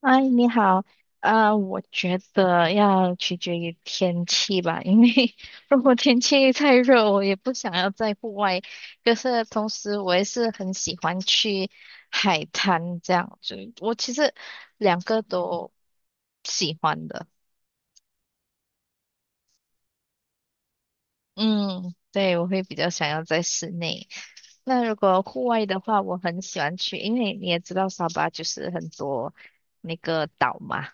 你好。我觉得要取决于天气吧，因为 如果天气太热，我也不想要在户外。可是同时，我也是很喜欢去海滩这样子。我其实两个都喜欢的。嗯，对，我会比较想要在室内。那如果户外的话，我很喜欢去，因为你也知道沙巴就是很多那个岛嘛。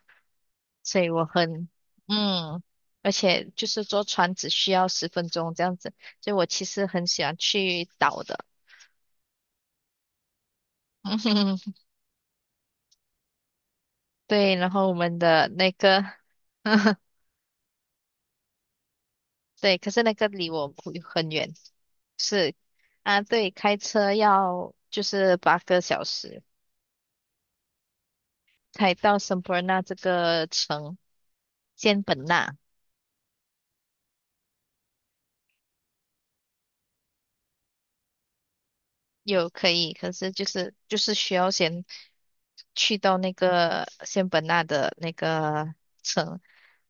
所以我很嗯，而且就是坐船只需要十分钟这样子，所以我其实很喜欢去岛的。对，然后我们的那个。对，可是那个离我不很远，是。啊，对，开车要就是8个小时才到圣伯纳这个城，仙本那有可以，可是就是需要先去到那个仙本那的城。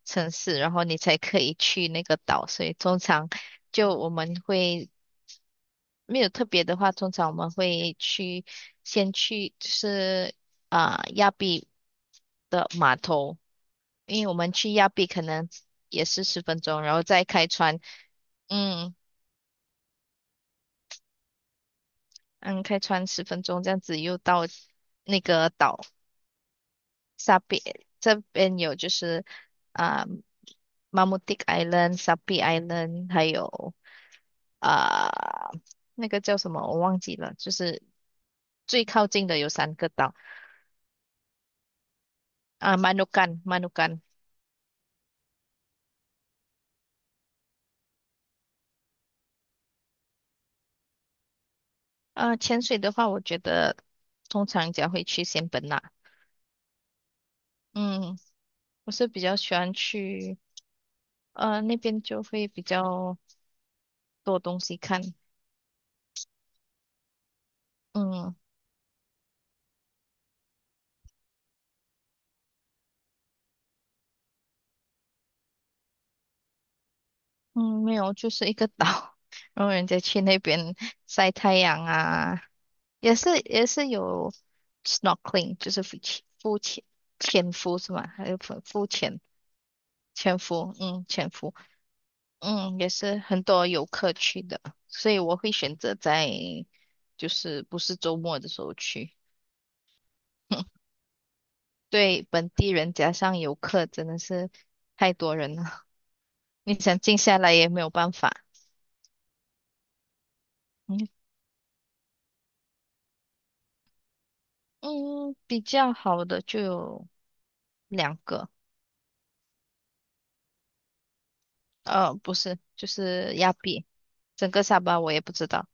城市，然后你才可以去那个岛。所以通常就我们会没有特别的话，通常我们会去先去就是亚庇的码头，因为我们去亚庇可能也是十分钟，然后再开船。嗯。嗯，开船十分钟这样子又到那个岛沙比，这边有就是啊、马穆蒂 Island、沙比 Island，还有啊、那个叫什么我忘记了，就是最靠近的有三个岛。啊，马努干，马努干。啊，潜水的话，我觉得通常人会去仙本那。嗯，我是比较喜欢去，那边就会比较多东西看。嗯。嗯，没有，就是一个岛。然后人家去那边晒太阳啊，也是有 snorkeling，就是浮潜潜伏是吗？还有浮潜潜伏，嗯，潜伏。嗯，也是很多游客去的，所以我会选择在就是不是周末的时候去。对本地人加上游客，真的是太多人了。你想静下来也没有办法。嗯。嗯，比较好的就有两个。不是，就是亚庇，整个沙巴我也不知道。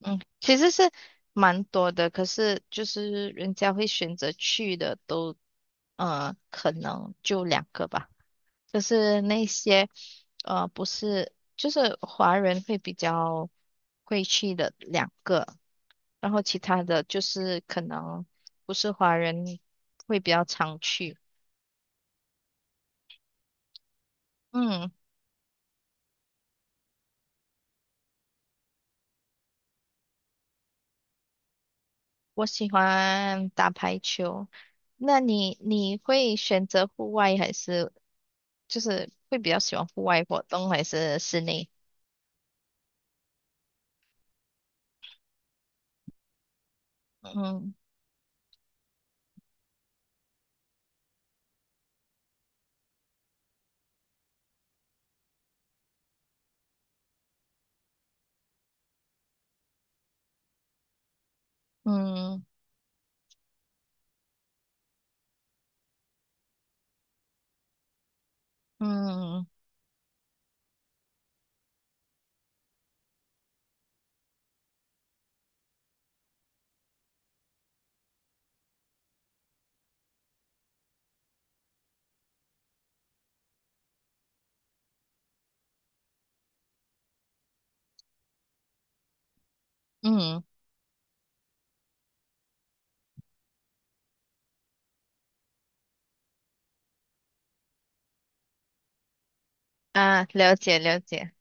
嗯，其实是蛮多的，可是就是人家会选择去的都，可能就两个吧。就是那些不是，就是华人会比较会去的两个，然后其他的就是可能不是华人会比较常去。嗯，我喜欢打排球。那你会选择户外还是就是会比较喜欢户外活动还是室内？嗯。嗯。嗯。嗯。嗯。啊，了解了解。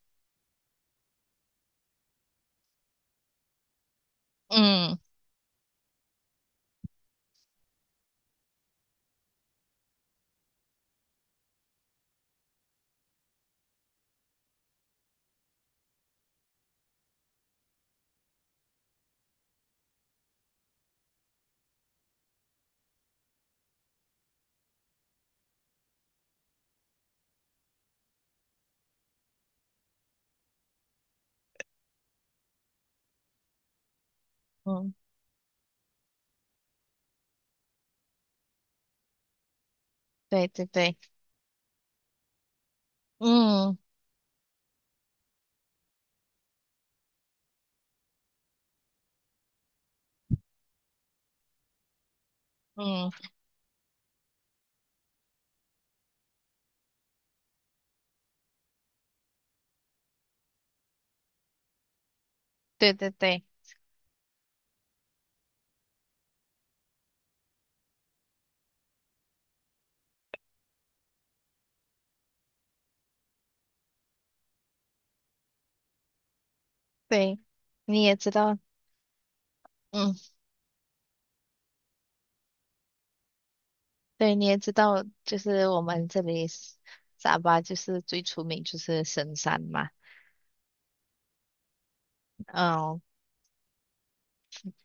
嗯。嗯，对对对。嗯。嗯，对对对对，你也知道。嗯，对，你也知道，就是我们这里是沙巴就是最出名就是神山嘛。嗯，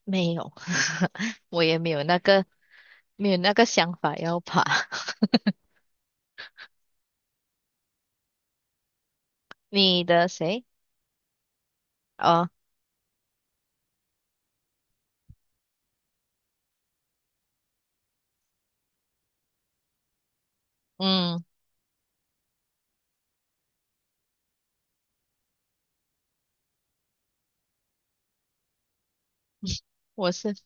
没有。我也没有那个想法要爬。你的谁？哦。嗯，我是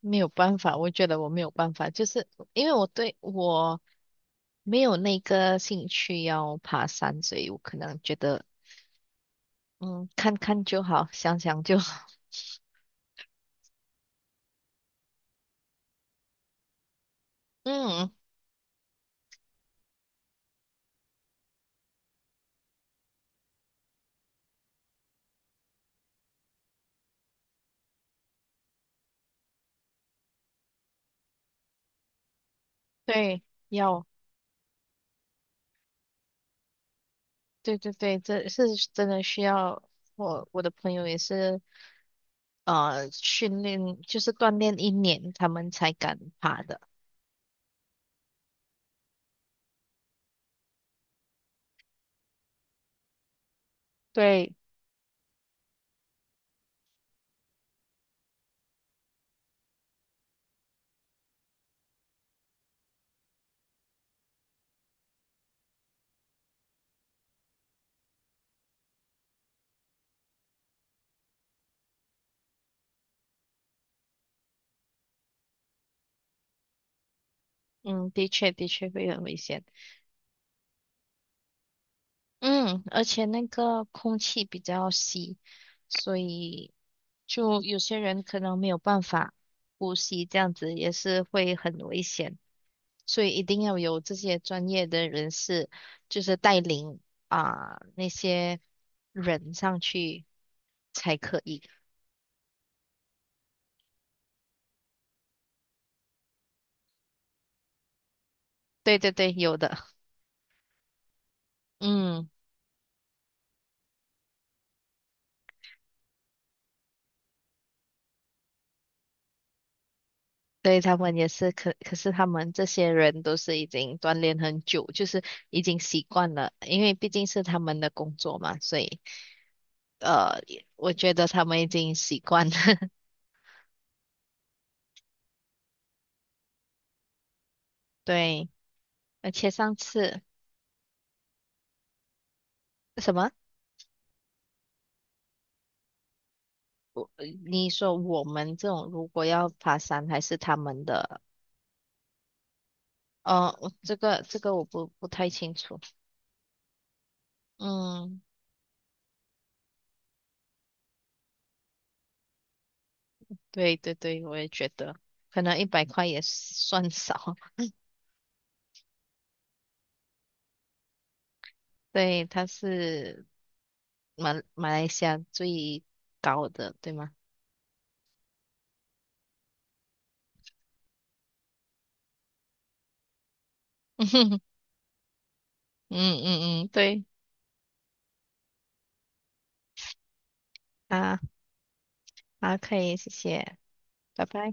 没有办法，我觉得我没有办法，就是因为我对我没有那个兴趣要爬山，所以我可能觉得，嗯，看看就好，想想就好。嗯，对，要，对对对，这是真的需要。我的朋友也是，训练就是锻炼1年，他们才敢爬的。对，嗯，的确的确会很危险。嗯，而且那个空气比较稀，所以就有些人可能没有办法呼吸，这样子也是会很危险。所以一定要有这些专业的人士，就是带领那些人上去。才可以。对对对，有的。嗯，对，他们也是，可是他们这些人都是已经锻炼很久，就是已经习惯了，因为毕竟是他们的工作嘛，所以呃，我觉得他们已经习惯了。对，而且上次什么，我你说我们这种如果要爬山，还是他们的，我这个我不太清楚。嗯，对对对，我也觉得，可能100块也算少。对，它是马来西亚最高的，对吗？嗯。嗯。嗯，对啊，啊，可以，谢谢，拜拜。